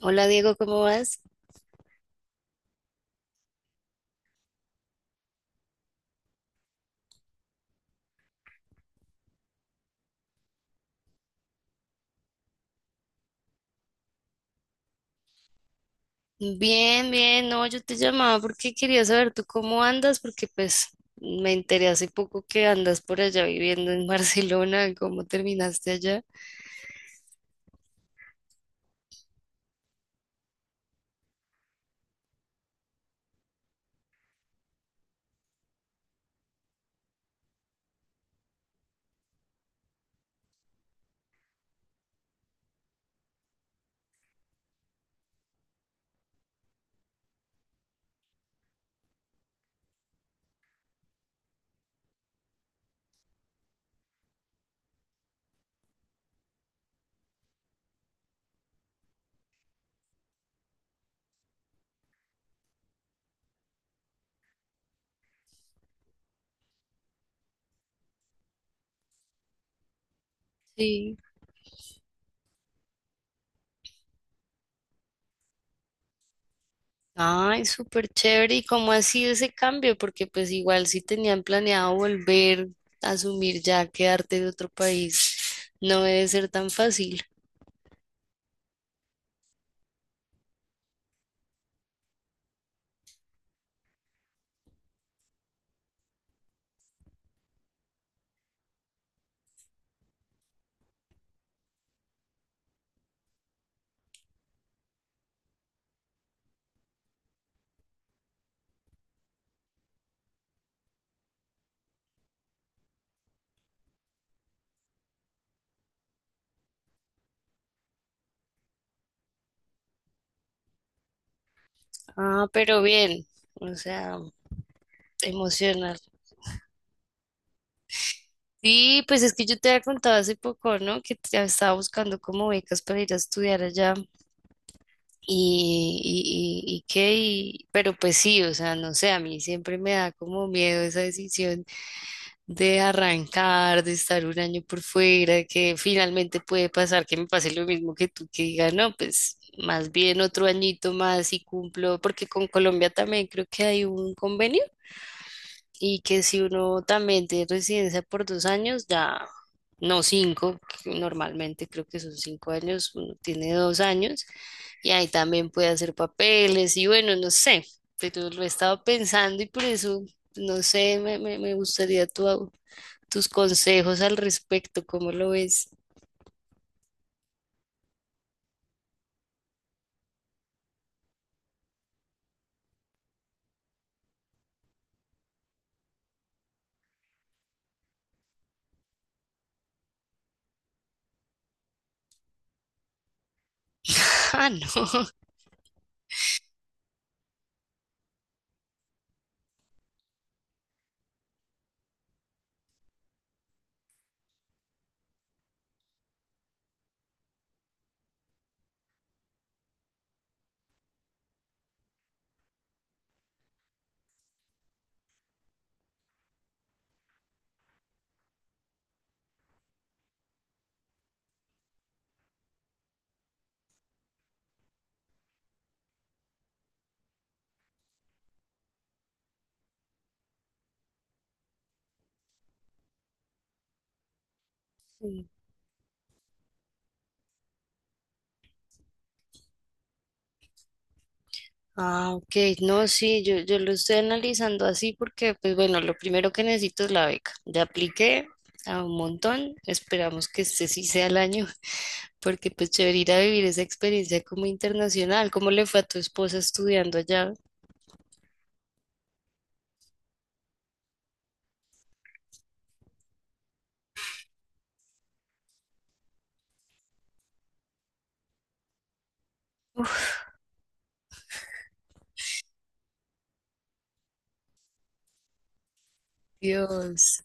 Hola, Diego, ¿cómo vas? Bien, bien, no, yo te llamaba porque quería saber tú cómo andas, porque pues me enteré hace poco que andas por allá viviendo en Barcelona. ¿Cómo terminaste allá? Sí. Ay, súper chévere, ¿y cómo ha sido ese cambio? Porque pues igual si tenían planeado volver a asumir ya quedarte de otro país, no debe ser tan fácil. Ah, pero bien, o sea, sí, pues es que yo te había contado hace poco, ¿no? Estaba buscando como becas para ir a estudiar allá y pero pues sí, o sea, no sé, a mí siempre me da como miedo esa decisión de arrancar, de estar un año por fuera, que finalmente puede pasar que me pase lo mismo que tú, que diga, no, pues más bien otro añito más y cumplo, porque con Colombia también creo que hay un convenio y que si uno también tiene residencia por 2 años, ya no cinco, que normalmente creo que son 5 años, uno tiene 2 años y ahí también puede hacer papeles y bueno, no sé, pero lo he estado pensando y por eso, no sé, me gustaría tu, tus consejos al respecto. ¿Cómo lo ves? Ah, no. Ah, ok, no, sí, yo lo estoy analizando así porque, pues bueno, lo primero que necesito es la beca. Ya apliqué a un montón, esperamos que este sí sea el año. Porque pues chévere ir a vivir esa experiencia como internacional. ¿Cómo le fue a tu esposa estudiando allá? Dios.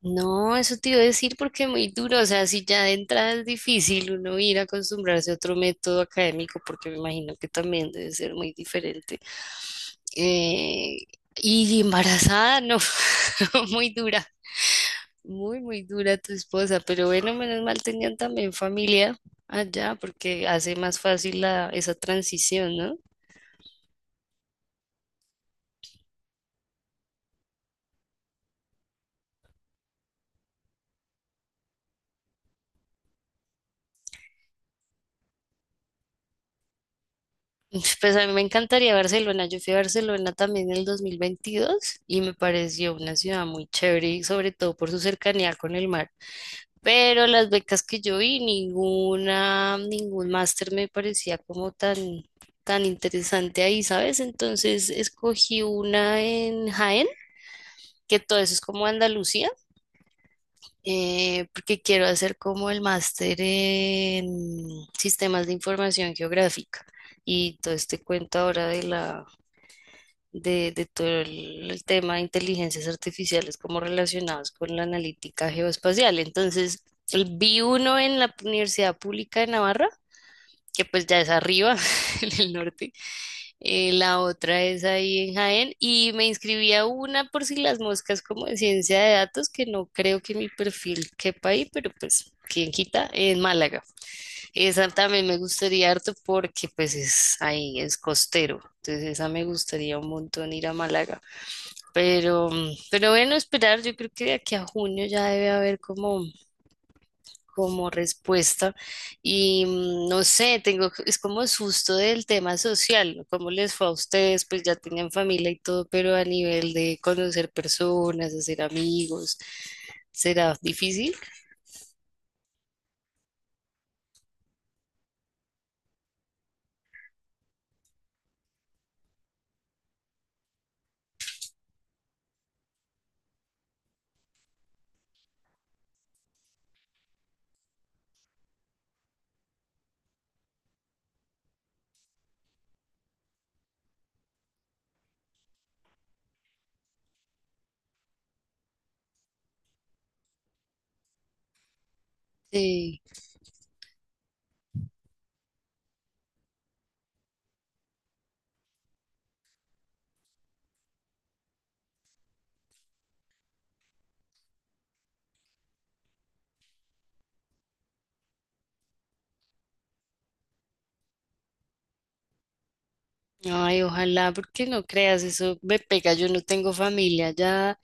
No, eso te iba a decir porque es muy duro, o sea, si ya de entrada es difícil uno ir a acostumbrarse a otro método académico, porque me imagino que también debe ser muy diferente. Eh, y embarazada, no, muy dura, muy dura tu esposa, pero bueno, menos mal tenían también familia allá, porque hace más fácil la, esa transición, ¿no? Pues a mí me encantaría Barcelona. Yo fui a Barcelona también en el 2022 y me pareció una ciudad muy chévere, y sobre todo por su cercanía con el mar. Pero las becas que yo vi, ninguna, ningún máster me parecía como tan, tan interesante ahí, ¿sabes? Entonces escogí una en Jaén, que todo eso es como Andalucía, porque quiero hacer como el máster en sistemas de información geográfica y todo este cuento ahora de todo el tema de inteligencias artificiales como relacionados con la analítica geoespacial. Entonces, vi uno en la Universidad Pública de Navarra, que pues ya es arriba, en el norte. La otra es ahí en Jaén. Y me inscribí a una por si las moscas como de ciencia de datos, que no creo que mi perfil quepa ahí, pero pues... ¿Quién quita? En Málaga. Esa también me gustaría harto porque pues es ahí, es costero. Entonces esa me gustaría un montón ir a Málaga. Pero, pero bueno, esperar, yo creo que de aquí a junio ya debe haber como, como respuesta. Y no sé, tengo, es como susto del tema social, ¿no? ¿Cómo les fue a ustedes? Pues ya tenían familia y todo, pero a nivel de conocer personas, hacer amigos, ¿será difícil? Sí. Ay, ojalá, porque no creas, eso me pega, yo no tengo familia ya.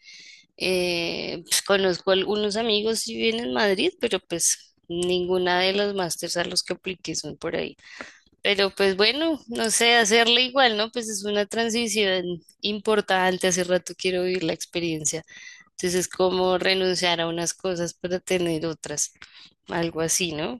Pues, conozco algunos amigos y viven en Madrid, pero pues ninguna de los másters a los que apliqué son por ahí. Pero pues bueno, no sé, hacerle igual, ¿no? Pues es una transición importante. Hace rato quiero vivir la experiencia. Entonces es como renunciar a unas cosas para tener otras, algo así, ¿no?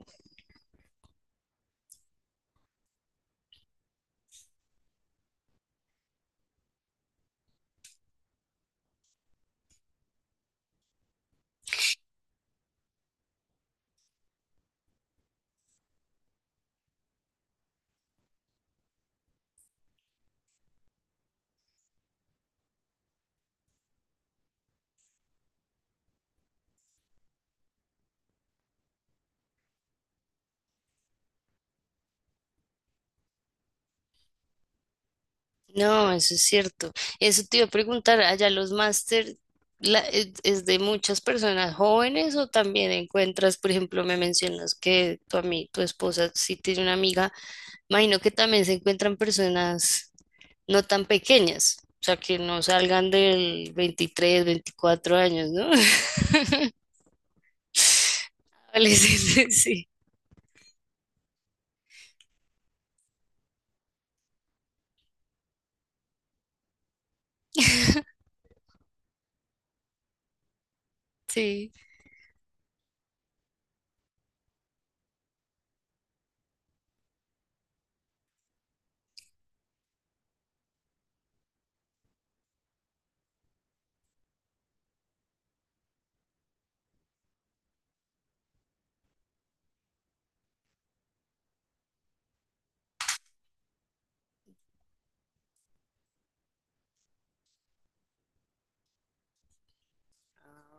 No, eso es cierto. Eso te iba a preguntar, allá los máster es de muchas personas jóvenes o también encuentras, por ejemplo, me mencionas que tu esposa sí tiene una amiga, imagino que también se encuentran personas no tan pequeñas, o sea, que no salgan del 23, 24 años, ¿no? Adolescentes, sí, sí. Sí.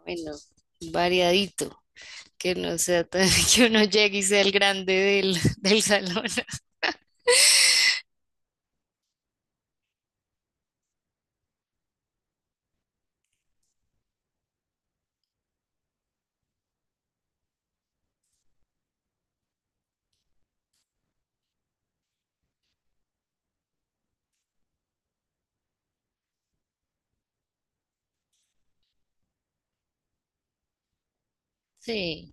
Bueno, variadito, que no sea tan, que uno llegue y sea el grande del, del salón. Sí.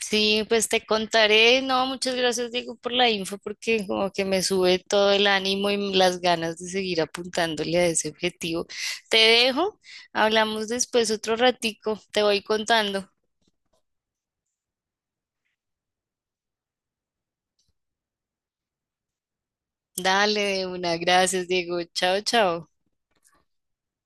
Sí, pues te contaré. No, muchas gracias, Diego, por la info, porque como que me sube todo el ánimo y las ganas de seguir apuntándole a ese objetivo. Te dejo, hablamos después otro ratico, te voy contando. Dale, de una, gracias, Diego. Chao, chao.